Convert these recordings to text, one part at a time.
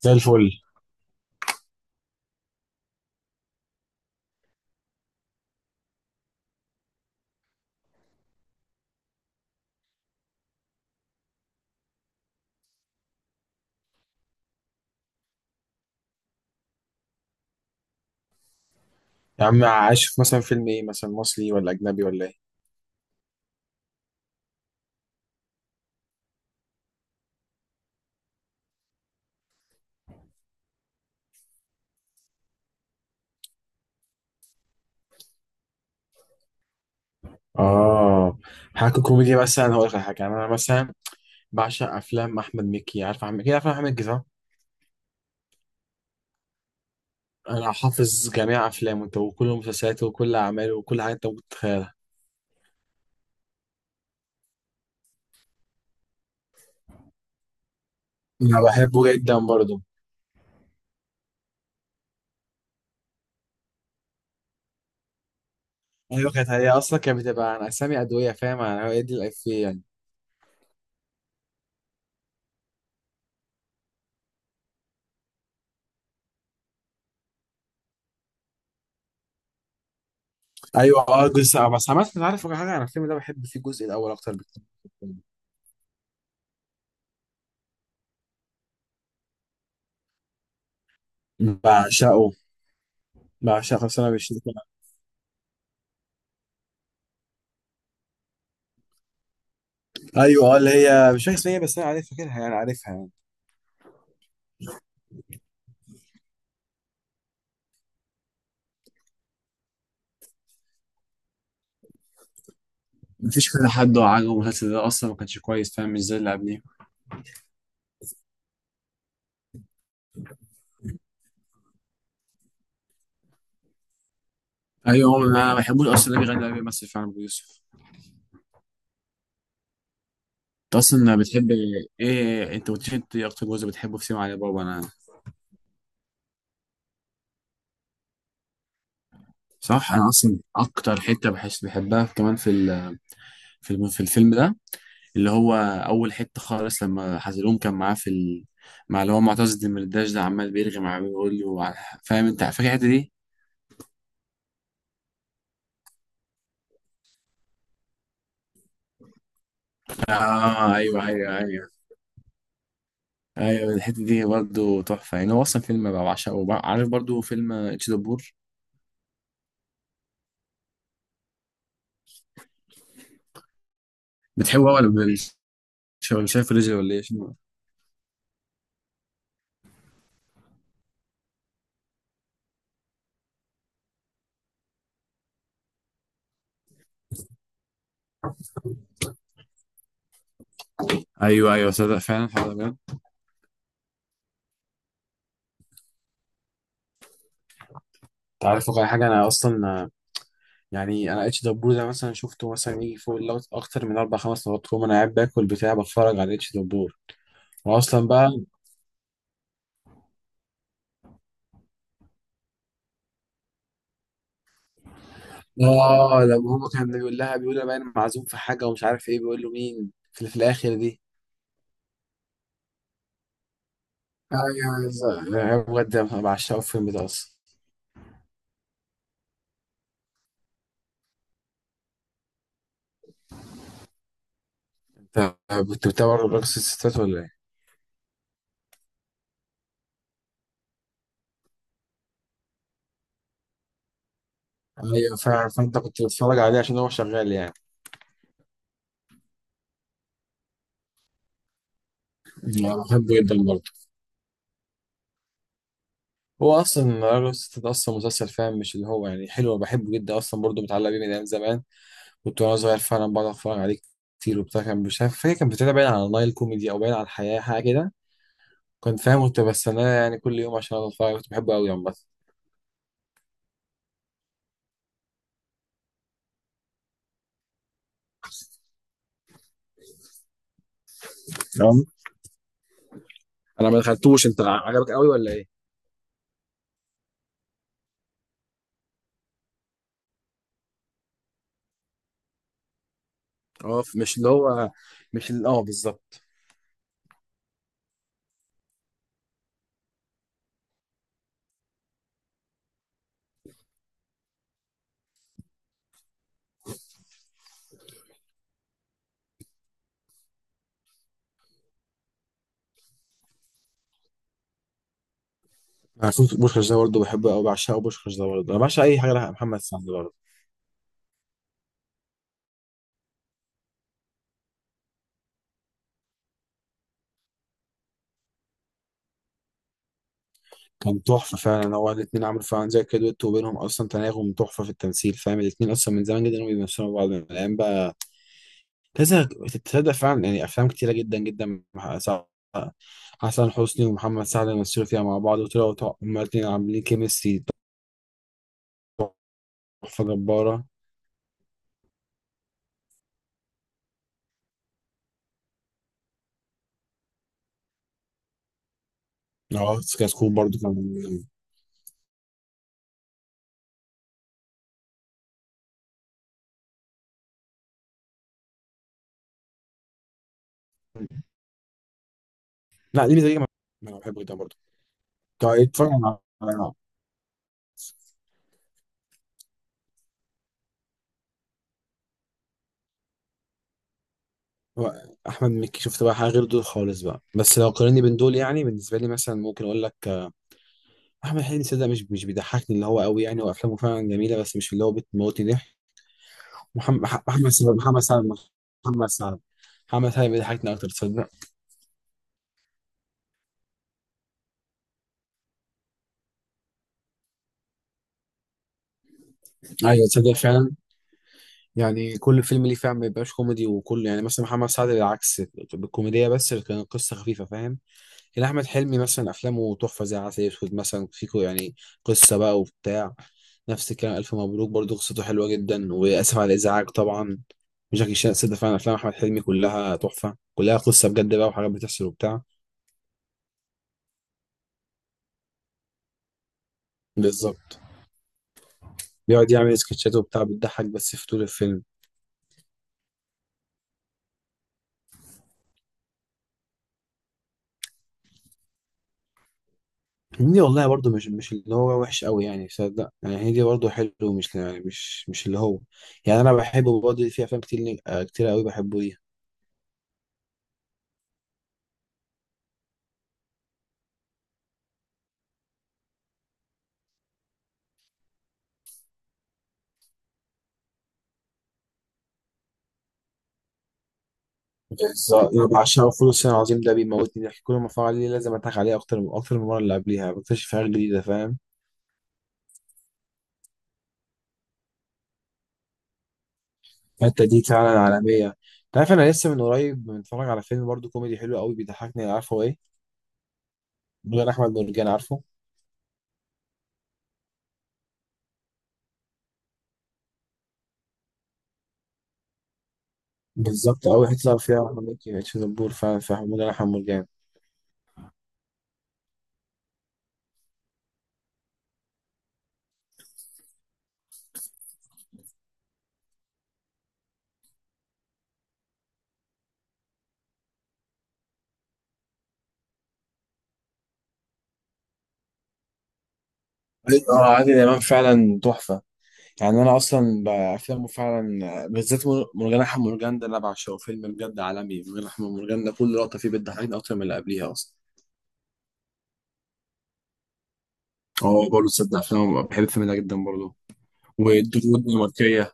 زي الفل. يا عم عايش، في مثلا فيلم ايه؟ مثلا مصري ولا اجنبي ولا ايه؟ اه، حاجه كوميدي. مثلا هقول لك على حاجه. يعني انا مثلا بعشق افلام احمد مكي. عارف احمد مكي؟ عارف احمد مكي صح؟ انا حافظ جميع افلامه انت، وكل مسلسلاته وكل اعماله وكل حاجه انت ممكن تتخيلها. انا بحبه جدا برضه. ايوه، كانت هي اصلا كانت بتبقى عن اسامي ادويه، فاهم؟ انا هي دي الافيه يعني. ايوه اه، جزء. بس عامه انت عارف حاجه؟ انا الفيلم ده بحب فيه الجزء الاول اكتر بكتير. بعشقه بعشقه بس انا مش. ايوه اه، اللي هي مش فاكر اسمها إيه، بس انا عارف، فاكرها يعني، عارفها يعني. مفيش كذا حد عاجبه المسلسل ده اصلا، ما كانش كويس فاهم، مش زي اللي قبليه. ايوه، هو انا ما بحبوش اصلا اللي بيغني اللي بيمثل فعلا ابو يوسف. انت اصلا بتحب ايه؟ انت قلت لي انت إيه اكتر جزء بتحبه في سيما علي بابا؟ انا صح، انا اصلا اكتر حته بحس بحبها كمان في في الفيلم ده، اللي هو اول حته خالص لما حزلوم كان معاه مع اللي هو معتز الدمرداش ده، عمال بيرغي معاه بيقول له فاهم؟ انت فاكر الحته دي؟ اه ايوه ايوه ايوه. ايوه الحته دي برضه تحفه يعني. هو اصلا فيلم بقى بعشقه عارف برضه فيلم اتش دبور؟ بتحبه ولا ولا شايف رجل ولا ايه شنو؟ ايوه ايوه، صدق فعلا، الحوار ده بجد. انت عارف واقع حاجه انا اصلا، يعني انا اتش دبور ده مثلا شفته مثلا يجي فوق اللوت اكتر من اربع خمس مرات. كل ما انا قاعد باكل بتاع بتفرج على اتش دبور. واصلا بقى اه لما هو كان بيقول لها، بيقول لها بقى انا معزوم في حاجه ومش عارف ايه، بيقول له مين في الاخر دي. ايوه بالظبط. أنا بجد بعشقه الفيلم ده اصلا. طب كنت بتابع رقص الستات ولا ايه؟ ايوه فعلا، فانت كنت بتتفرج عليه عشان هو شغال يعني. انا بحبه جدا برضه. هو اصلا رقص الستات اصلا مسلسل، فاهم؟ مش اللي هو يعني حلو، بحبه جدا اصلا برضه، متعلق بيه من ايام زمان. كنت وانا صغير فعلا بقعد اتفرج عليه كتير وبتاع. كان مش عارف، فاكر كان بتابع باين على نايل كوميدي او باين على الحياه، حاجه كده. كنت فاهم، كنت بستناه يعني كل يوم عشان أقعد اتفرج. كنت بحبه قوي عامه. أه. انا ما دخلتوش، انت عجبك قوي ولا ايه؟ اه مش اللي هو، مش اللي اه بالظبط. انا شفت بوشكاش ده برضه، بحبه قوي، بعشقه بوشكاش ده برضه. انا بعشق اي حاجه لها محمد سعد برضه. كان تحفه فعلا. هو الاثنين عملوا فعلا زي كده دويتو، وبينهم اصلا تناغم تحفه في التمثيل، فاهم؟ الاثنين اصلا من زمان جدا، وبيمثلوا بعض من الايام بقى كذا. تتصدق فعلا يعني افلام كتيره جدا جدا مع حسن حسني ومحمد سعد مثلوا فيها مع بعض، وطلعوا هما الاثنين عاملين كيمستري تحفه جباره. اه سكاي سكول برضه كان. لا دي ميزه ليا، انا بحبه جدا برضه. طيب اتفرج على، هو احمد مكي شفت بقى حاجه غير دول خالص بقى، بس لو قارني بين دول يعني بالنسبه لي مثلا، ممكن اقول لك احمد حلمي صدق مش، مش بيضحكني اللي هو قوي يعني. وافلامه فعلا جميله بس مش اللي هو بتموتني ضحك. محمد مح- محمد سعد محمد سعد محمد سعد. محمد سعد بيضحكني اكتر، تصدق. ايوه تصدق فعلا، يعني كل فيلم ليه فعلا ما بيبقاش كوميدي وكل، يعني مثلا محمد سعد بالعكس بالكوميديا، بس كان قصه خفيفه، فاهم؟ يعني احمد حلمي مثلا افلامه تحفه زي عسل اسود مثلا، فيكو يعني قصه بقى وبتاع. نفس الكلام الف مبروك برضو، قصته حلوه جدا، واسف على الازعاج طبعا، وجاكي شان. صدق فعلا افلام احمد حلمي كلها تحفه، كلها قصه بجد بقى وحاجات بتحصل وبتاع. بالظبط، بيقعد يعمل سكتشات وبتاع، بتضحك بس في طول الفيلم. هنيدي والله برضو مش، مش اللي هو وحش قوي يعني صدق يعني. هنيدي برضو حلو، مش يعني مش، مش اللي هو. يعني انا بحبه برضه في افلام كتير كتير قوي بحبه. بالظبط، أنا بعشقه فول الصين العظيم ده. بيموتني ضحك كل ما اتفرج عليه. لازم اضحك عليه اكتر، من اكتر من المره اللي قبليها بكتشف حاجات جديده، فاهم؟ الحته دي فعلا عالميه. انت عارف انا لسه من قريب متفرج على فيلم برضه كوميدي حلو قوي بيضحكني، عارفه ايه؟ مدير احمد مرجان، عارفه؟ بالظبط، قوي حته اللي فيها احمد مكي في دبور، فعلا في مدير احمد مرجان. أيوة، اه عادل امام فعلا تحفه. يعني انا اصلا بافلامه فعلا، بالذات مرجان احمد مرجان ده انا بعشقه، فيلم بجد عالمي. مرجان احمد مرجان ده كل لقطه فيه بتضحكني اكتر من اللي قبليها اصلا. هو برضه تصدق فيلم، بحب الفيلم ده جدا برضه، والدور الدنماركية.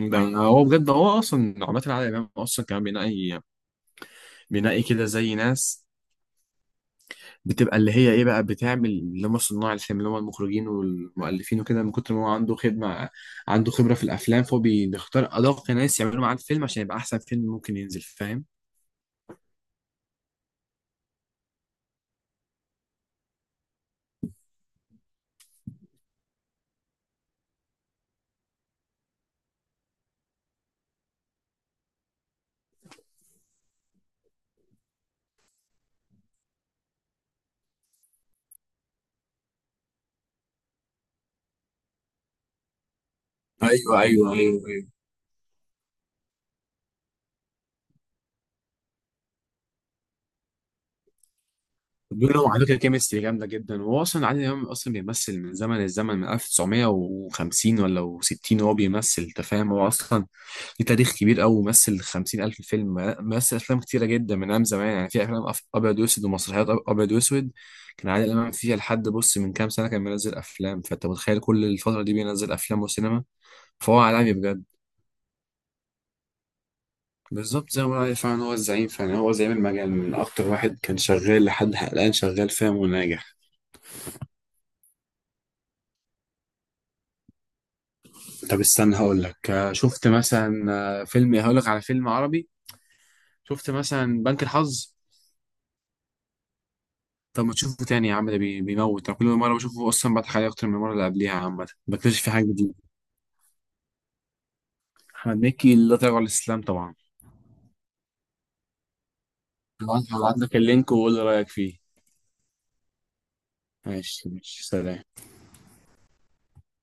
ده هو بجد، هو أصلا عماد العادل إمام أصلا كان بينقي، بينقي كده زي ناس بتبقى اللي هي إيه بقى، بتعمل اللي هم صناع الفيلم اللي هم المخرجين والمؤلفين وكده. من كتر ما هو عنده خدمة، عنده خبرة في الأفلام، فهو بيختار أدق ناس يعملوا معاه الفيلم عشان يبقى أحسن فيلم ممكن ينزل، فاهم؟ ايوه ايوه ايوه، بينهم على فكره كيمستري جامده جدا. وهو اصلا عادل امام اصلا بيمثل من زمن الزمن، من 1950 ولا 60، وهو بيمثل، انت فاهم؟ هو اصلا ليه تاريخ كبير قوي، ومثل 50,000 فيلم. مثل افلام كتيره جدا من ايام زمان. يعني في افلام ابيض واسود، ومسرحيات ابيض واسود كان عادل امام فيها. لحد بص من كام سنه كان بينزل افلام، فانت متخيل كل الفتره دي بينزل افلام وسينما؟ فهو عالمي بجد. بالظبط، زي ما بقول عليه فعلا هو الزعيم. فعلا هو زعيم المجال، من اكتر واحد كان شغال لحد حلقان شغال، فاهم؟ وناجح. طب استنى هقول لك شفت مثلا فيلم، هقول لك على فيلم عربي. شفت مثلا بنك الحظ؟ طب ما تشوفه تاني يا عم، ده بيموت. انا كل مره بشوفه اصلا بضحك عليه اكتر من المره اللي قبليها، عامه بكتشف في حاجه جديده. احمد مكي، لا تراجع عن الاسلام طبعا. هبعت، هبعت لك اللينك وقول لي رايك فيه. ماشي ماشي، سلام.